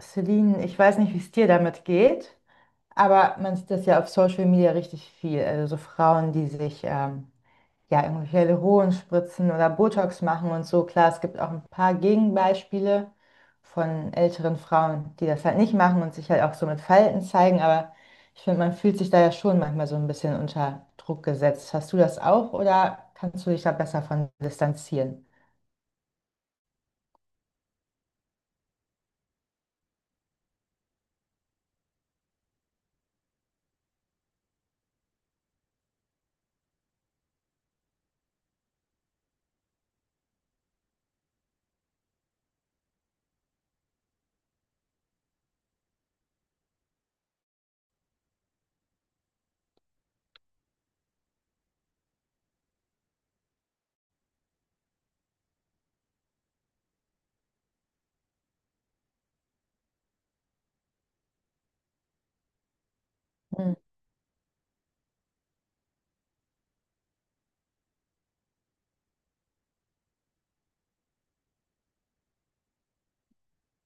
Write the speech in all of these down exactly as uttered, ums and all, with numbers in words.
Celine, ich weiß nicht, wie es dir damit geht, aber man sieht das ja auf Social Media richtig viel. Also so Frauen, die sich ähm, ja irgendwelche Hyaluron spritzen oder Botox machen und so. Klar, es gibt auch ein paar Gegenbeispiele von älteren Frauen, die das halt nicht machen und sich halt auch so mit Falten zeigen, aber ich finde, man fühlt sich da ja schon manchmal so ein bisschen unter Druck gesetzt. Hast du das auch oder kannst du dich da besser von distanzieren?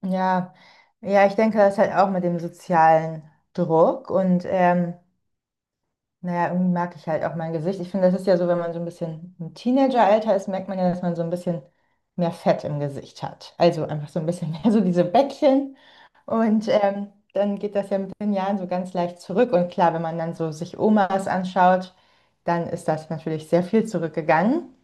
Ja, ja, ich denke, das ist halt auch mit dem sozialen Druck und ähm, naja, irgendwie mag ich halt auch mein Gesicht. Ich finde, das ist ja so, wenn man so ein bisschen im Teenageralter ist, merkt man ja, dass man so ein bisschen mehr Fett im Gesicht hat. Also einfach so ein bisschen mehr so diese Bäckchen und ähm, dann geht das ja mit den Jahren so ganz leicht zurück. Und klar, wenn man dann so sich Omas anschaut, dann ist das natürlich sehr viel zurückgegangen.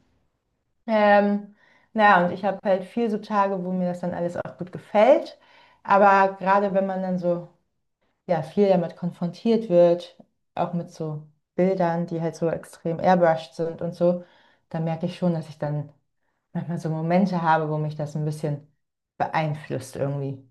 Ähm, naja, und ich habe halt viel so Tage, wo mir das dann alles auch gut gefällt. Aber gerade wenn man dann so, ja, viel damit konfrontiert wird, auch mit so Bildern, die halt so extrem airbrushed sind und so, dann merke ich schon, dass ich dann manchmal so Momente habe, wo mich das ein bisschen beeinflusst irgendwie.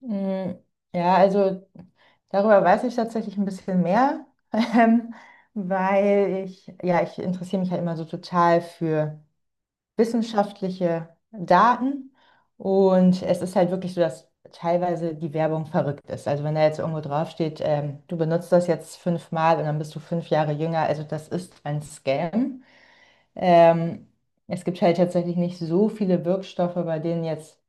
Mm, ja, also darüber weiß ich tatsächlich ein bisschen mehr, ähm, weil ich, ja, ich interessiere mich halt immer so total für wissenschaftliche Daten. Und es ist halt wirklich so, dass teilweise die Werbung verrückt ist. Also wenn da jetzt irgendwo draufsteht, ähm, du benutzt das jetzt fünfmal und dann bist du fünf Jahre jünger, also das ist ein Scam. Ähm, Es gibt halt tatsächlich nicht so viele Wirkstoffe, bei denen jetzt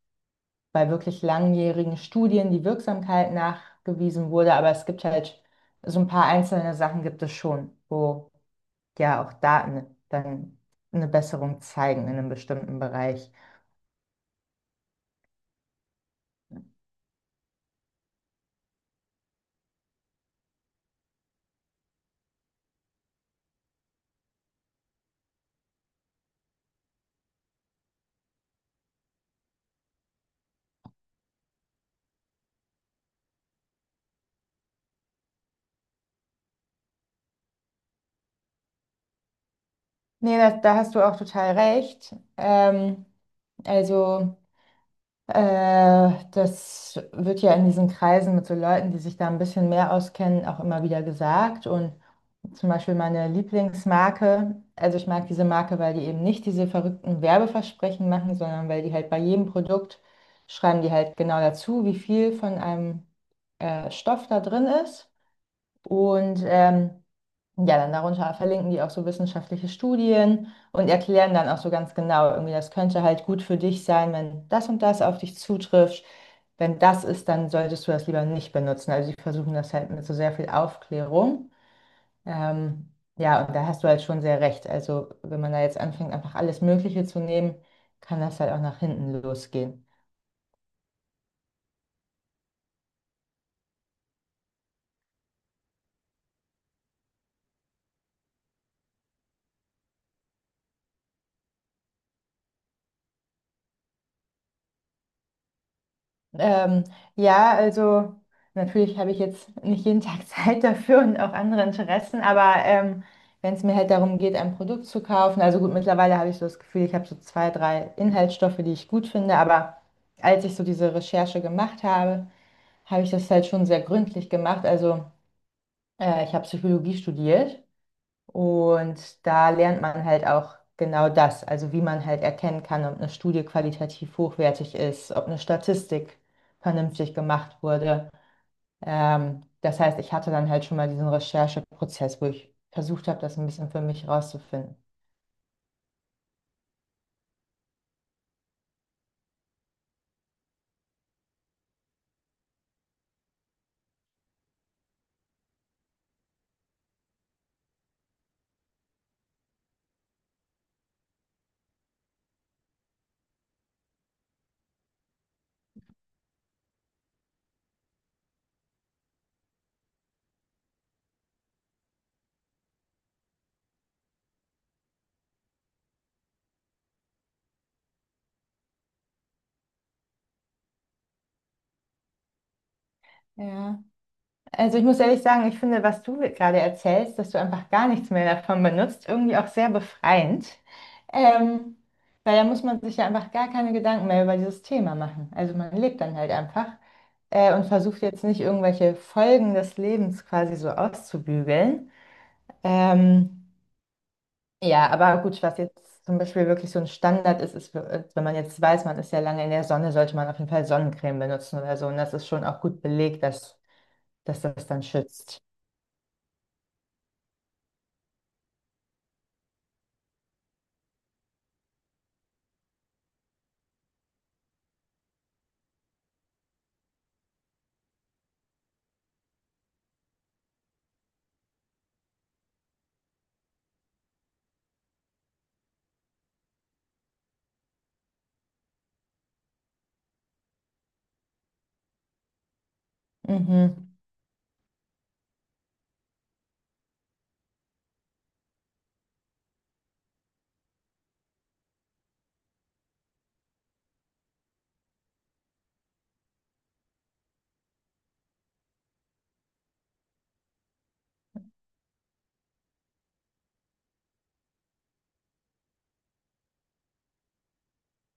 bei wirklich langjährigen Studien die Wirksamkeit nachgewiesen wurde, aber es gibt halt so ein paar einzelne Sachen gibt es schon, wo ja auch Daten dann eine Besserung zeigen in einem bestimmten Bereich. Nee, da, da hast du auch total recht. Ähm, also, äh, das wird ja in diesen Kreisen mit so Leuten, die sich da ein bisschen mehr auskennen, auch immer wieder gesagt. Und zum Beispiel meine Lieblingsmarke, also ich mag diese Marke, weil die eben nicht diese verrückten Werbeversprechen machen, sondern weil die halt bei jedem Produkt schreiben die halt genau dazu, wie viel von einem äh, Stoff da drin ist. Und ähm, ja, dann darunter verlinken die auch so wissenschaftliche Studien und erklären dann auch so ganz genau, irgendwie, das könnte halt gut für dich sein, wenn das und das auf dich zutrifft. Wenn das ist, dann solltest du das lieber nicht benutzen. Also die versuchen das halt mit so sehr viel Aufklärung. Ähm, ja, und da hast du halt schon sehr recht. Also wenn man da jetzt anfängt, einfach alles Mögliche zu nehmen, kann das halt auch nach hinten losgehen. Ähm, ja, also natürlich habe ich jetzt nicht jeden Tag Zeit dafür und auch andere Interessen, aber ähm, wenn es mir halt darum geht, ein Produkt zu kaufen, also gut, mittlerweile habe ich so das Gefühl, ich habe so zwei, drei Inhaltsstoffe, die ich gut finde, aber als ich so diese Recherche gemacht habe, habe ich das halt schon sehr gründlich gemacht. Also äh, ich habe Psychologie studiert. Und da lernt man halt auch genau das, also wie man halt erkennen kann, ob eine Studie qualitativ hochwertig ist, ob eine Statistik vernünftig gemacht wurde. Ähm, das heißt, ich hatte dann halt schon mal diesen Rechercheprozess, wo ich versucht habe, das ein bisschen für mich rauszufinden. Ja. Also ich muss ehrlich sagen, ich finde, was du gerade erzählst, dass du einfach gar nichts mehr davon benutzt, irgendwie auch sehr befreiend. Ähm, Weil da muss man sich ja einfach gar keine Gedanken mehr über dieses Thema machen. Also man lebt dann halt einfach äh, und versucht jetzt nicht irgendwelche Folgen des Lebens quasi so auszubügeln. Ähm, ja, aber gut, was jetzt zum Beispiel wirklich so ein Standard ist, ist, äh, wenn man jetzt weiß, man ist ja lange in der Sonne, sollte man auf jeden Fall Sonnencreme benutzen oder so. Und das ist schon auch gut belegt, dass, dass das dann schützt. Mhm.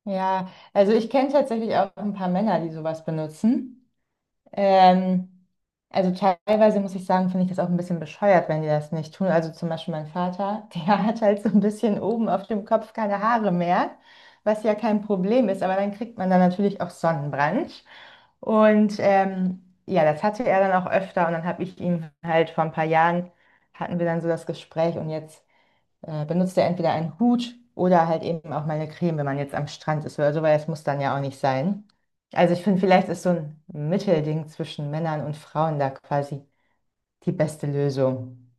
Ja, also ich kenne tatsächlich auch ein paar Männer, die sowas benutzen. Ähm, also teilweise muss ich sagen, finde ich das auch ein bisschen bescheuert, wenn die das nicht tun. Also zum Beispiel mein Vater, der hat halt so ein bisschen oben auf dem Kopf keine Haare mehr, was ja kein Problem ist, aber dann kriegt man dann natürlich auch Sonnenbrand. Und ähm, ja, das hatte er dann auch öfter und dann habe ich ihm halt vor ein paar Jahren, hatten wir dann so das Gespräch und jetzt äh, benutzt er entweder einen Hut oder halt eben auch mal eine Creme, wenn man jetzt am Strand ist oder so, weil das muss dann ja auch nicht sein. Also ich finde, vielleicht ist so ein Mittelding zwischen Männern und Frauen da quasi die beste Lösung.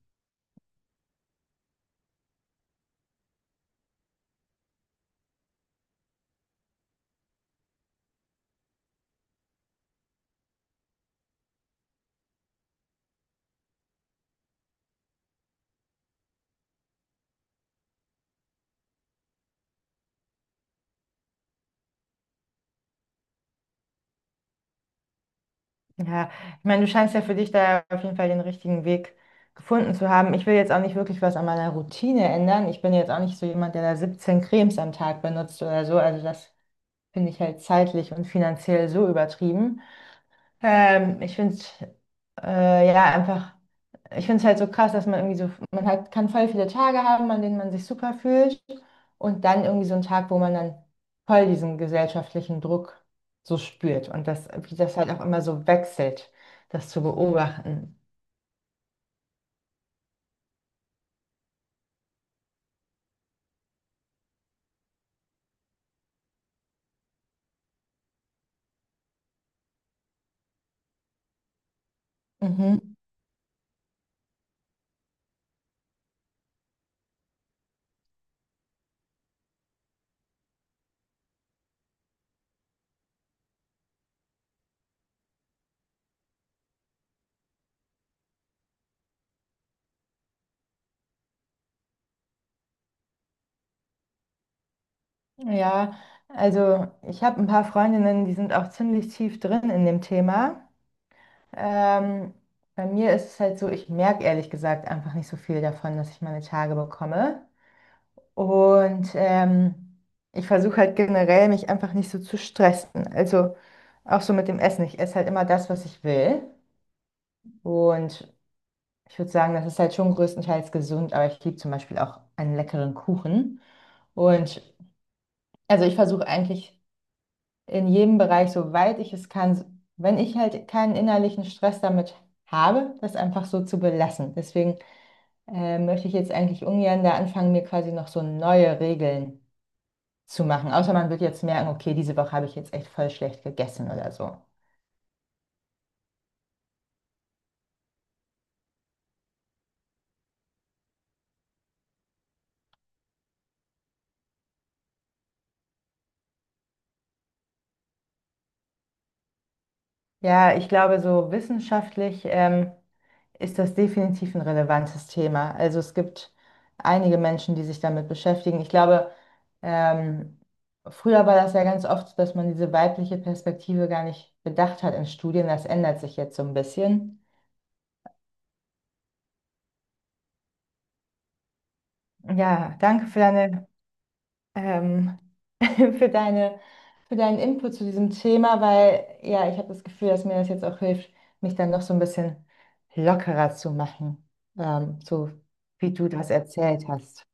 Ja, ich meine, du scheinst ja für dich da auf jeden Fall den richtigen Weg gefunden zu haben. Ich will jetzt auch nicht wirklich was an meiner Routine ändern. Ich bin jetzt auch nicht so jemand, der da siebzehn Cremes am Tag benutzt oder so. Also das finde ich halt zeitlich und finanziell so übertrieben. Ähm, ich finde, äh, ja, einfach. Ich finde es halt so krass, dass man irgendwie so, man hat, kann voll viele Tage haben, an denen man sich super fühlt und dann irgendwie so einen Tag, wo man dann voll diesen gesellschaftlichen Druck so spürt und das, wie das halt auch immer so wechselt, das zu beobachten. Mhm. Ja, also ich habe ein paar Freundinnen, die sind auch ziemlich tief drin in dem Thema. Ähm, Bei mir ist es halt so, ich merke ehrlich gesagt einfach nicht so viel davon, dass ich meine Tage bekomme. Und ähm, ich versuche halt generell, mich einfach nicht so zu stressen. Also auch so mit dem Essen. Ich esse halt immer das, was ich will. Und ich würde sagen, das ist halt schon größtenteils gesund, aber ich liebe zum Beispiel auch einen leckeren Kuchen. Und also ich versuche eigentlich in jedem Bereich, soweit ich es kann, wenn ich halt keinen innerlichen Stress damit habe, das einfach so zu belassen. Deswegen äh, möchte ich jetzt eigentlich ungern da anfangen, mir quasi noch so neue Regeln zu machen. Außer man wird jetzt merken, okay, diese Woche habe ich jetzt echt voll schlecht gegessen oder so. Ja, ich glaube, so wissenschaftlich ähm, ist das definitiv ein relevantes Thema. Also es gibt einige Menschen, die sich damit beschäftigen. Ich glaube, ähm, früher war das ja ganz oft, so, dass man diese weibliche Perspektive gar nicht bedacht hat in Studien. Das ändert sich jetzt so ein bisschen. Ja, danke für deine ähm, für deine, für deinen Input zu diesem Thema, weil ja, ich habe das Gefühl, dass mir das jetzt auch hilft, mich dann noch so ein bisschen lockerer zu machen, ähm, so wie du das erzählt hast.